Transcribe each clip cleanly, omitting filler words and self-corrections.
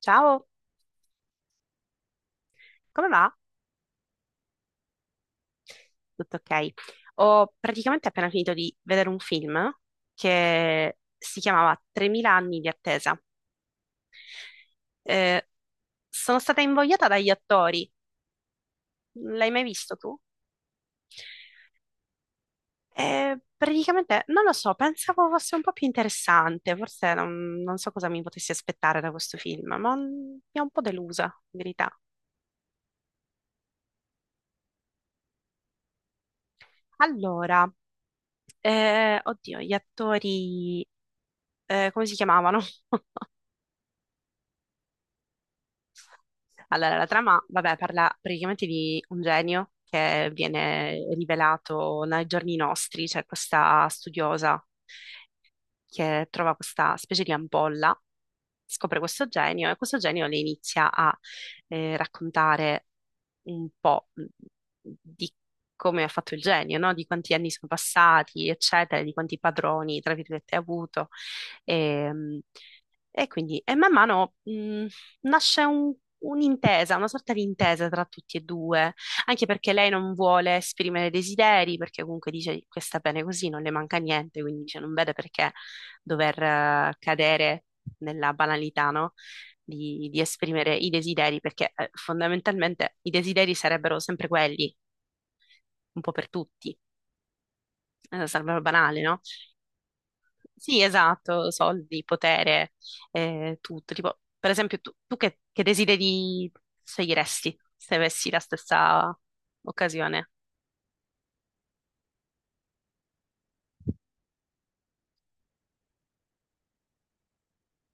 Ciao, come va? Tutto ok. Ho praticamente appena finito di vedere un film che si chiamava 3000 anni di attesa. Eh, Sono stata invogliata dagli attori. L'hai mai visto tu? Praticamente, non lo so, pensavo fosse un po' più interessante, forse non so cosa mi potessi aspettare da questo film, ma mi ha un po' delusa, in verità. Allora, oddio, gli attori, come si chiamavano? Allora, la trama, vabbè, parla praticamente di un genio che viene rivelato nei giorni nostri, cioè questa studiosa che trova questa specie di ampolla, scopre questo genio e questo genio le inizia a raccontare un po' di come ha fatto il genio, no? Di quanti anni sono passati, eccetera, di quanti padroni, tra virgolette, ha avuto. E, e quindi, e man mano nasce un'intesa, una sorta di intesa tra tutti e due, anche perché lei non vuole esprimere desideri, perché comunque dice che sta bene così, non le manca niente, quindi dice non vede perché dover cadere nella banalità, no? Di esprimere i desideri, perché fondamentalmente i desideri sarebbero sempre quelli, un po' per tutti, sarebbero banali, no? Sì, esatto, soldi, potere, tutto. Tipo, per esempio, tu che desideri sceglieresti se avessi la stessa occasione?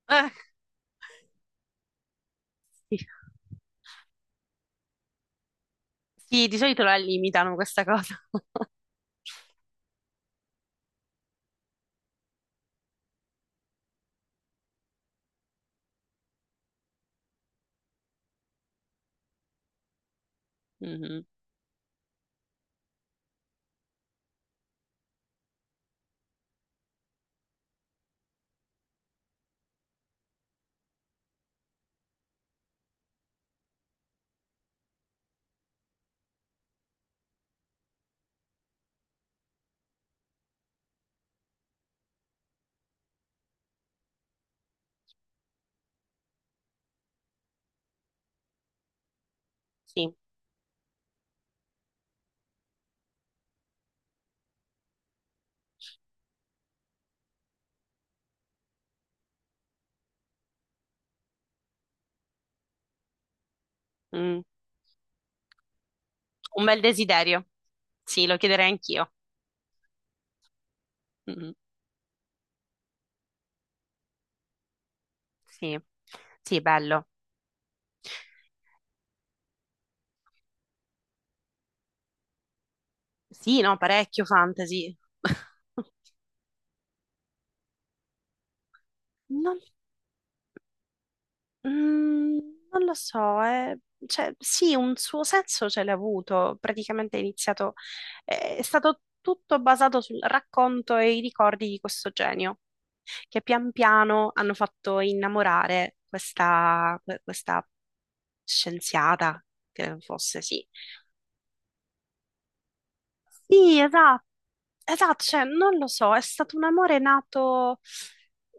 Eh, sì. Sì, di solito la limitano questa cosa. Mhm. Sì. Mm. Un bel desiderio. Sì, lo chiederei anch'io. Mm. Sì, sì, bello. Sì, no, parecchio fantasy. Non, mm, non lo so, eh. Cioè, sì, un suo senso ce l'ha avuto. Praticamente è iniziato, è stato tutto basato sul racconto e i ricordi di questo genio, che pian piano hanno fatto innamorare questa, questa scienziata, che fosse, sì. Sì, esatto, esatto, cioè non lo so, è stato un amore nato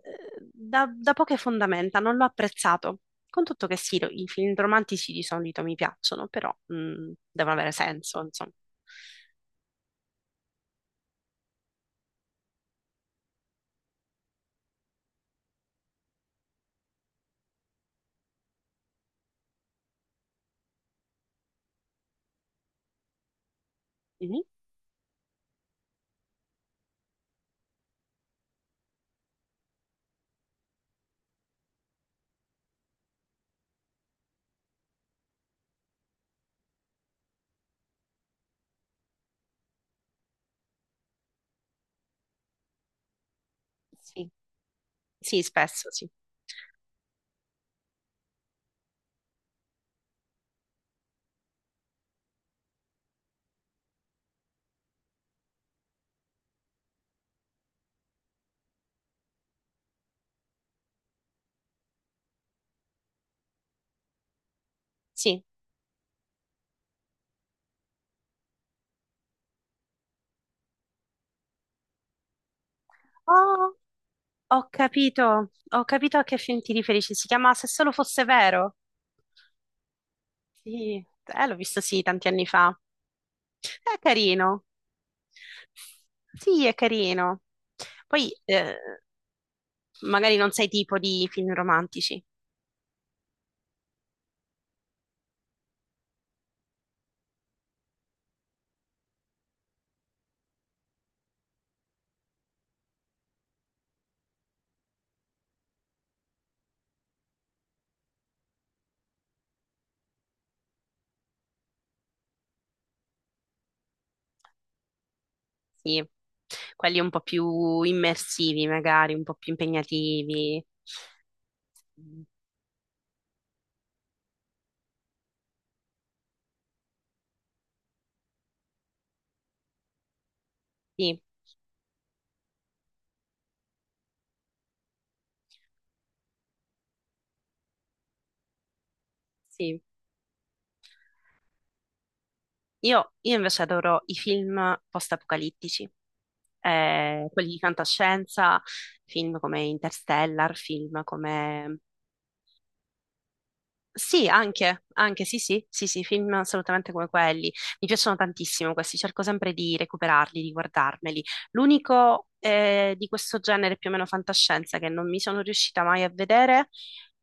da poche fondamenta, non l'ho apprezzato. Con tutto che sì, i film romantici di solito mi piacciono, però devono avere senso, insomma. Mhm. Sì, sì, spesso sì. Sì. Oh, ho capito a che film ti riferisci, si chiama Se solo fosse vero. Sì, l'ho visto sì tanti anni fa. È carino. Sì, è carino. Poi magari non sei tipo di film romantici, sì, quelli un po' più immersivi, magari un po' più impegnativi. Sì, sì. Io invece adoro i film post-apocalittici, quelli di fantascienza, film come Interstellar, film come sì, anche, anche, sì, sì, sì, sì, film assolutamente come quelli. Mi piacciono tantissimo questi, cerco sempre di recuperarli, di guardarmeli. L'unico di questo genere più o meno fantascienza che non mi sono riuscita mai a vedere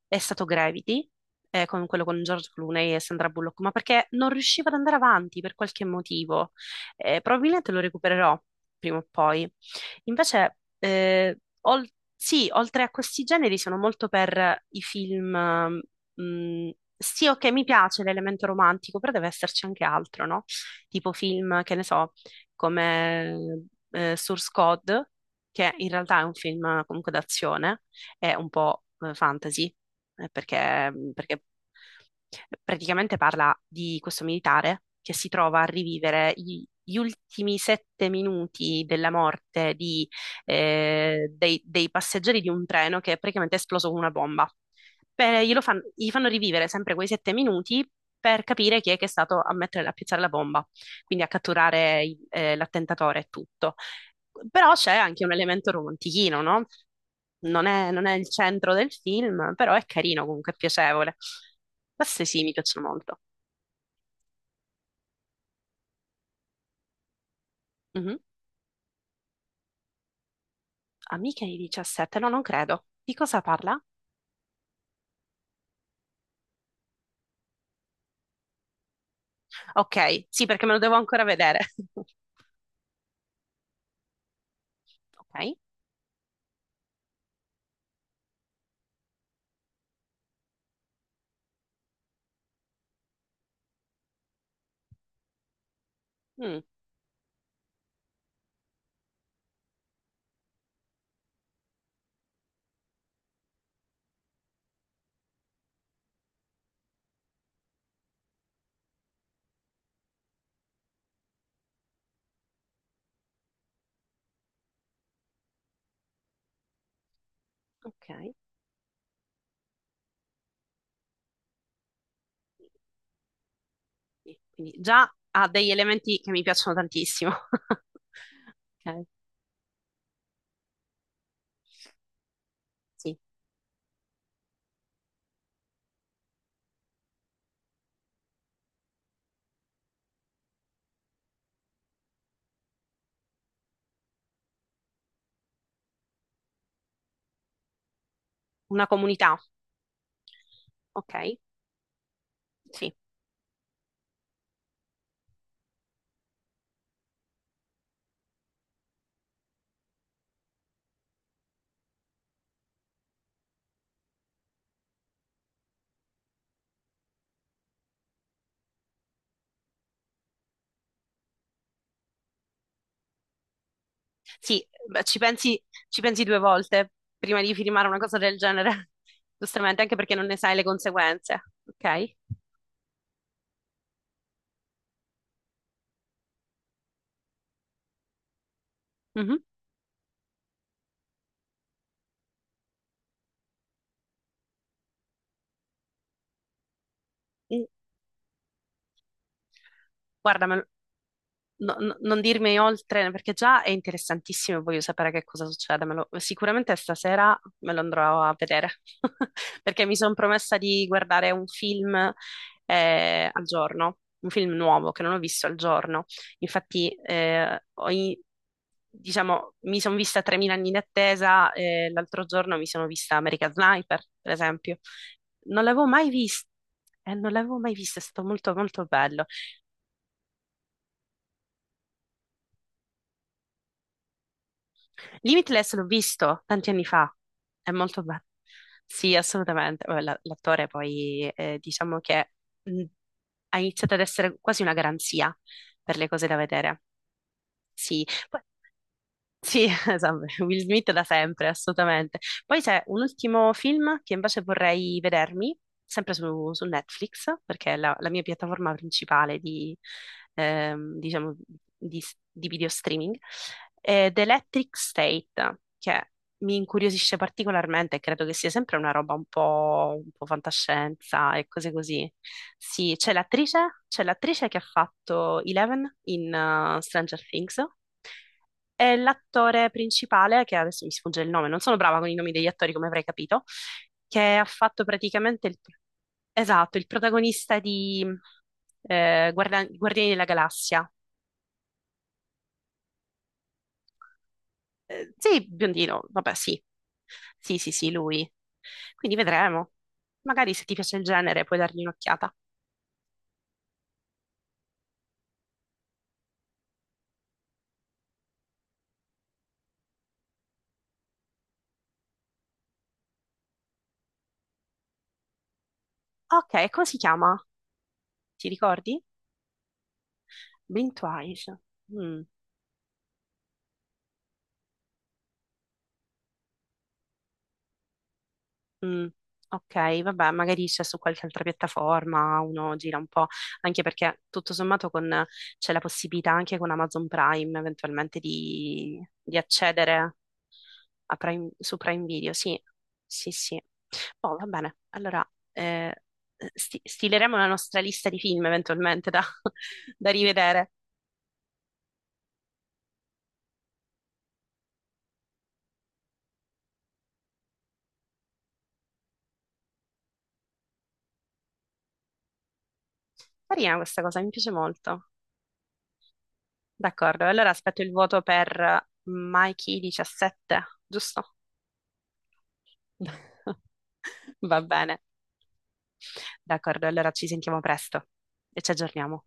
è stato Gravity, con quello con George Clooney e Sandra Bullock, ma perché non riuscivo ad andare avanti per qualche motivo. Probabilmente lo recupererò prima o poi. Invece, sì, oltre a questi generi sono molto per i film mh, sì, ok, mi piace l'elemento romantico, però deve esserci anche altro, no? Tipo film, che ne so, come Source Code, che in realtà è un film comunque d'azione, è un po' fantasy, perché, perché praticamente parla di questo militare che si trova a rivivere gli ultimi sette minuti della morte di, dei passeggeri di un treno che è praticamente esploso con una bomba. Beh, gli fanno rivivere sempre quei sette minuti per capire chi è che è stato a mettere, a piazzare la bomba, quindi a catturare l'attentatore e tutto. Però c'è anche un elemento romantichino, no? Non è il centro del film, però è carino, comunque è piacevole. Queste sì, mi piacciono molto. Mhm. Amiche di 17, no, non credo. Di cosa parla? Ok, sì, perché me lo devo ancora vedere. Ok. Mm, ok. Quindi già ha degli elementi che mi piacciono tantissimo. Ok, sì. Una comunità, ok? Sì, sì, beh, ci pensi due volte prima di firmare una cosa del genere, giustamente, anche perché non ne sai le conseguenze, ok? Mhm. Mm. Guarda, me lo- non dirmi oltre perché già è interessantissimo, e voglio sapere che cosa succede. Sicuramente stasera me lo andrò a vedere perché mi sono promessa di guardare un film al giorno, un film nuovo che non ho visto al giorno. Infatti, diciamo, mi sono vista 3000 anni in attesa e l'altro giorno mi sono vista American Sniper, per esempio. Non l'avevo mai visto. Non l'avevo mai visto, è stato molto molto bello. Limitless l'ho visto tanti anni fa, è molto bello. Sì, assolutamente. Vabbè, l'attore poi diciamo che mh, ha iniziato ad essere quasi una garanzia per le cose da vedere. Sì, sì, esatto, Will Smith da sempre, assolutamente. Poi c'è un ultimo film che invece vorrei vedermi, sempre su Netflix, perché è la mia piattaforma principale di, diciamo, di, di video streaming, è The Electric State, che mi incuriosisce particolarmente e credo che sia sempre una roba un po' fantascienza e cose così. Sì, c'è l'attrice che ha fatto Eleven in Stranger Things è l'attore principale, che adesso mi sfugge il nome, non sono brava con i nomi degli attori, come avrai capito, che ha fatto praticamente il, esatto, il protagonista di Guardiani della Galassia. Sì, biondino, vabbè, sì. Sì, sì, sì, lui. Quindi vedremo. Magari se ti piace il genere puoi dargli un'occhiata. Ok, come si chiama? Ti ricordi? Blind Twice. Mm. Mm, ok, vabbè, magari c'è su qualche altra piattaforma, uno gira un po', anche perché c'è la possibilità anche con Amazon Prime eventualmente di accedere su Prime Video, sì, sì, sì. Oh, va bene, allora stileremo la nostra lista di film eventualmente da, da rivedere. Carina questa cosa, mi piace molto. D'accordo, allora aspetto il voto per Mikey 17, giusto? Va bene. D'accordo, allora ci sentiamo presto e ci aggiorniamo.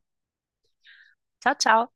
Ciao ciao!